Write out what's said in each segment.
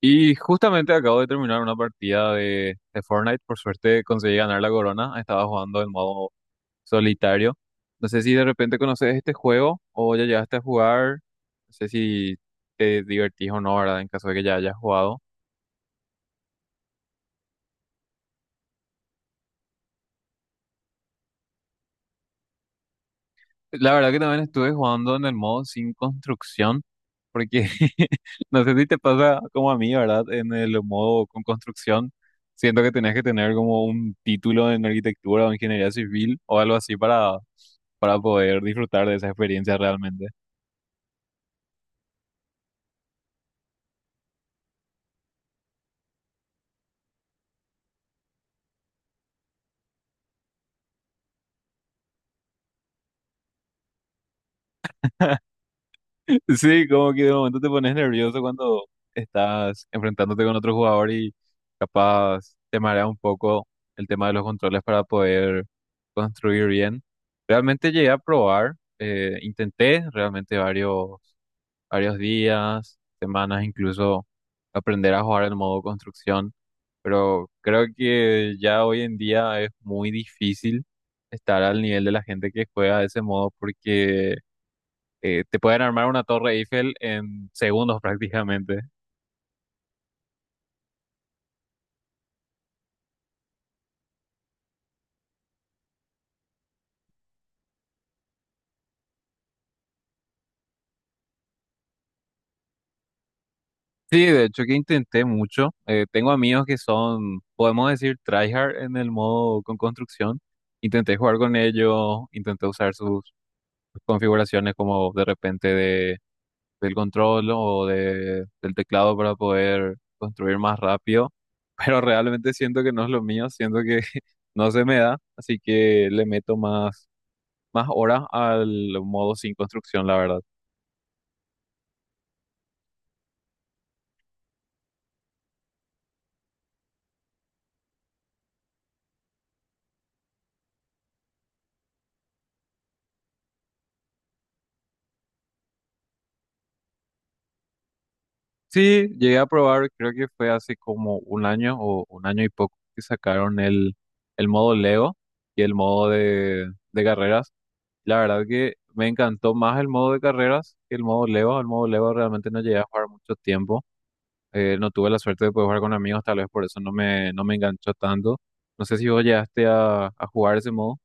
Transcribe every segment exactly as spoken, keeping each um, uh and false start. Y justamente acabo de terminar una partida de, de Fortnite. Por suerte conseguí ganar la corona. Estaba jugando en modo solitario. No sé si de repente conoces este juego o ya llegaste a jugar. No sé si te divertís o no, ¿verdad? En caso de que ya hayas jugado. La verdad que también estuve jugando en el modo sin construcción, porque no sé si te pasa como a mí, ¿verdad? En el modo con construcción, siento que tenés que tener como un título en arquitectura o ingeniería civil o algo así para, para poder disfrutar de esa experiencia realmente. Sí, como que de momento te pones nervioso cuando estás enfrentándote con otro jugador y capaz te marea un poco el tema de los controles para poder construir bien. Realmente llegué a probar, eh, intenté realmente varios varios días, semanas, incluso aprender a jugar el modo construcción, pero creo que ya hoy en día es muy difícil estar al nivel de la gente que juega de ese modo porque eh, te pueden armar una torre Eiffel en segundos prácticamente. Sí, de hecho que intenté mucho. Eh, tengo amigos que son, podemos decir, tryhard en el modo con construcción. Intenté jugar con ellos, intenté usar sus configuraciones como de repente de del control o de, del teclado para poder construir más rápido, pero realmente siento que no es lo mío, siento que no se me da, así que le meto más, más horas al modo sin construcción, la verdad. Sí, llegué a probar, creo que fue hace como un año o un año y poco que sacaron el, el modo Lego y el modo de, de carreras. La verdad que me encantó más el modo de carreras que el modo Lego. El modo Lego realmente no llegué a jugar mucho tiempo. Eh, no tuve la suerte de poder jugar con amigos, tal vez por eso no me, no me enganchó tanto. No sé si vos llegaste a, a jugar ese modo.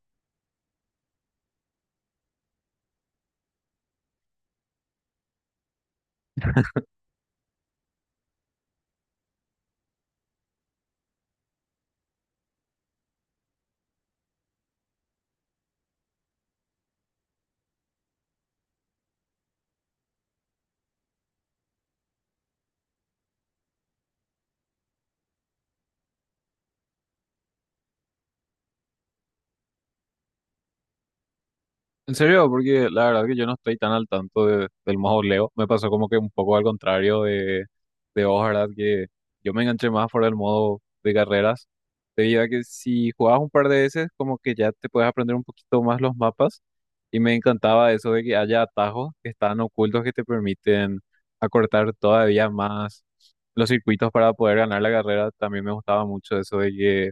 ¿En serio? Porque la verdad que yo no estoy tan al tanto de- del modo Leo. Me pasó como que un poco al contrario de vos, ¿verdad? Que yo me enganché más por el modo de carreras, debido a que si jugabas un par de veces, como que ya te puedes aprender un poquito más los mapas. Y me encantaba eso de que haya atajos que están ocultos que te permiten acortar todavía más los circuitos para poder ganar la carrera. También me gustaba mucho eso de que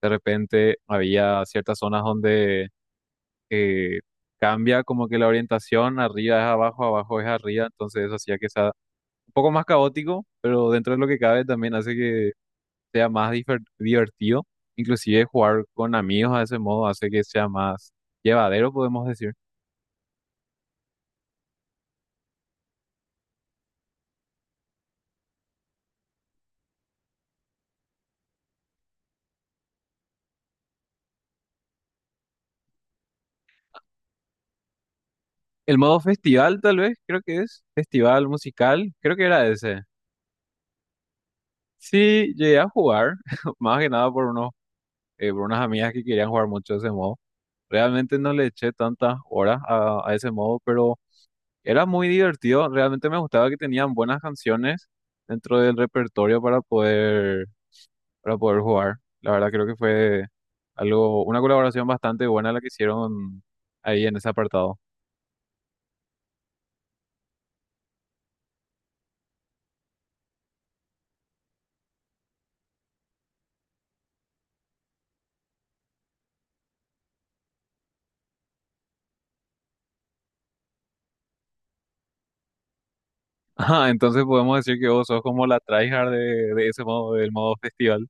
de repente había ciertas zonas donde eh, cambia como que la orientación, arriba es abajo, abajo es arriba, entonces eso hacía que se un poco más caótico, pero dentro de lo que cabe también hace que sea más difer- divertido. Inclusive jugar con amigos a ese modo hace que sea más llevadero, podemos decir. El modo festival, tal vez, creo que es. Festival musical, creo que era ese. Sí, llegué a jugar, más que nada por unos, eh, por unas amigas que querían jugar mucho ese modo. Realmente no le eché tantas horas a, a ese modo, pero era muy divertido. Realmente me gustaba que tenían buenas canciones dentro del repertorio para poder para poder jugar. La verdad creo que fue algo, una colaboración bastante buena la que hicieron ahí en ese apartado. Ah, entonces podemos decir que vos sos como la tryhard de, de ese modo, del modo festival.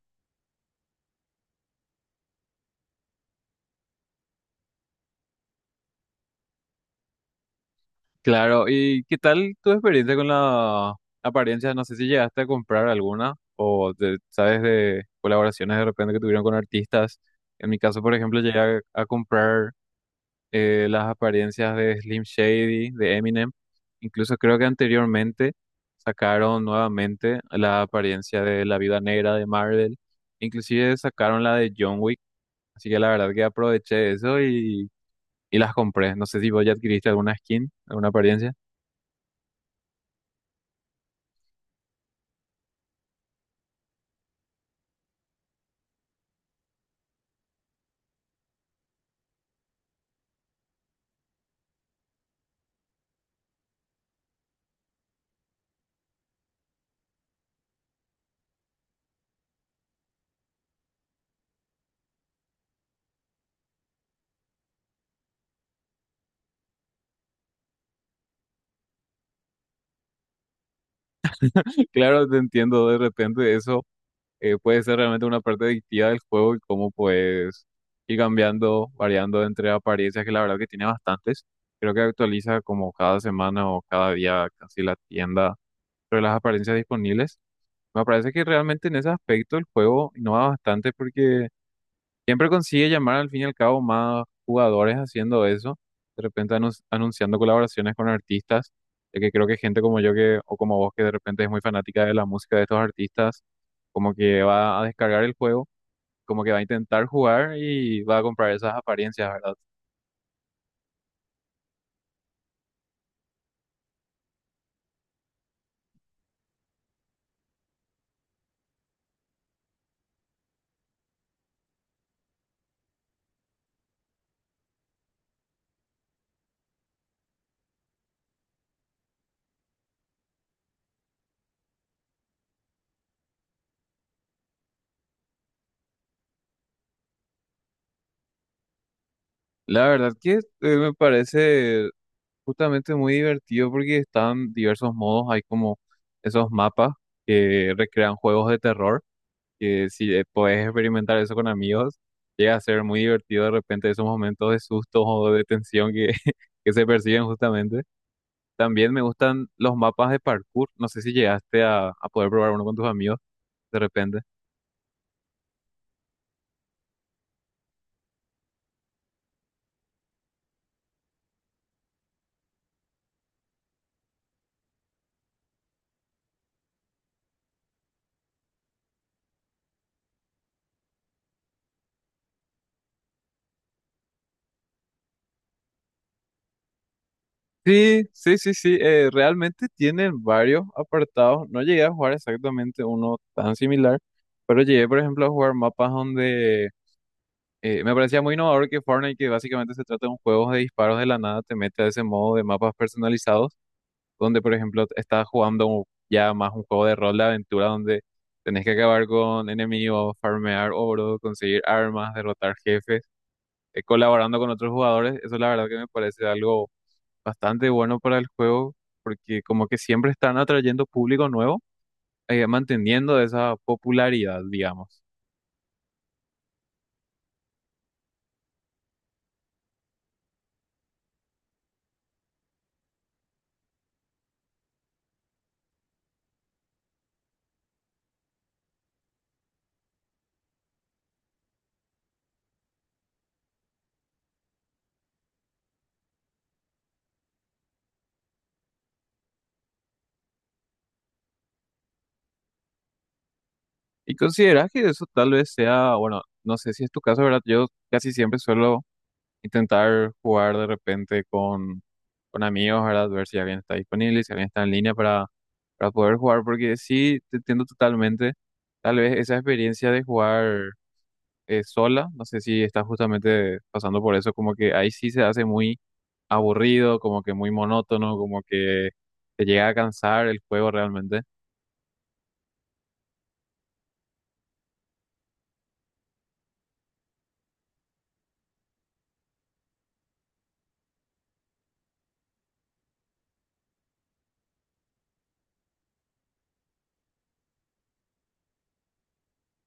Claro, ¿y qué tal tu experiencia con la apariencia? No sé si llegaste a comprar alguna o te- sabes de colaboraciones de repente que tuvieron con artistas. En mi caso, por ejemplo, llegué a a comprar eh, las apariencias de Slim Shady, de Eminem. Incluso creo que anteriormente sacaron nuevamente la apariencia de La Viuda Negra de Marvel. Inclusive sacaron la de John Wick. Así que la verdad que aproveché eso y, y las compré. No sé si vos ya adquiriste alguna skin, alguna apariencia. Claro, te entiendo de repente eso. Eh, puede ser realmente una parte adictiva del juego y cómo puedes ir cambiando, variando entre apariencias, que la verdad que tiene bastantes. Creo que actualiza como cada semana o cada día casi la tienda sobre las apariencias disponibles. Me parece que realmente en ese aspecto el juego innova bastante porque siempre consigue llamar al fin y al cabo más jugadores haciendo eso, de repente anun- anunciando colaboraciones con artistas, ya que creo que gente como yo que, o como vos que de repente es muy fanática de la música de estos artistas, como que va a descargar el juego, como que va a intentar jugar y va a comprar esas apariencias, ¿verdad? La verdad que eh, me parece justamente muy divertido porque están diversos modos, hay como esos mapas que recrean juegos de terror que si eh, podés experimentar eso con amigos, llega a ser muy divertido de repente esos momentos de susto o de tensión que, que se perciben justamente. También me gustan los mapas de parkour. No sé si llegaste a, a poder probar uno con tus amigos de repente. Sí, sí, sí, sí. Eh, realmente tienen varios apartados. No llegué a jugar exactamente uno tan similar, pero llegué, por ejemplo, a jugar mapas donde eh, me parecía muy innovador que Fortnite, que básicamente se trata de un juego de disparos de la nada, te mete a ese modo de mapas personalizados donde por ejemplo estás jugando un- ya más un juego de rol de aventura donde tenés que acabar con enemigos, farmear oro, conseguir armas, derrotar jefes, eh, colaborando con otros jugadores. Eso la verdad que me parece algo bastante bueno para el juego porque como que siempre están atrayendo público nuevo, eh, manteniendo esa popularidad, digamos. ¿Y consideras que eso tal vez sea, bueno, no sé si es tu caso, ¿verdad? Yo casi siempre suelo intentar jugar de repente con con amigos, ¿verdad? Ver si alguien está disponible, si alguien está en línea para, para poder jugar, porque sí, te entiendo totalmente. Tal vez esa experiencia de jugar eh, sola, no sé si estás justamente pasando por eso, como que ahí sí se hace muy aburrido, como que muy monótono, como que te llega a cansar el juego realmente.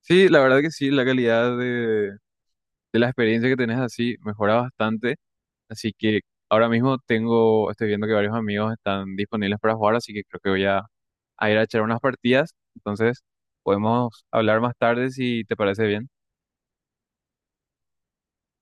Sí, la verdad que sí, la calidad de, de la experiencia que tenés así mejora bastante, así que ahora mismo tengo, estoy viendo que varios amigos están disponibles para jugar, así que creo que voy a a ir a echar unas partidas. Entonces, podemos hablar más tarde si te parece bien.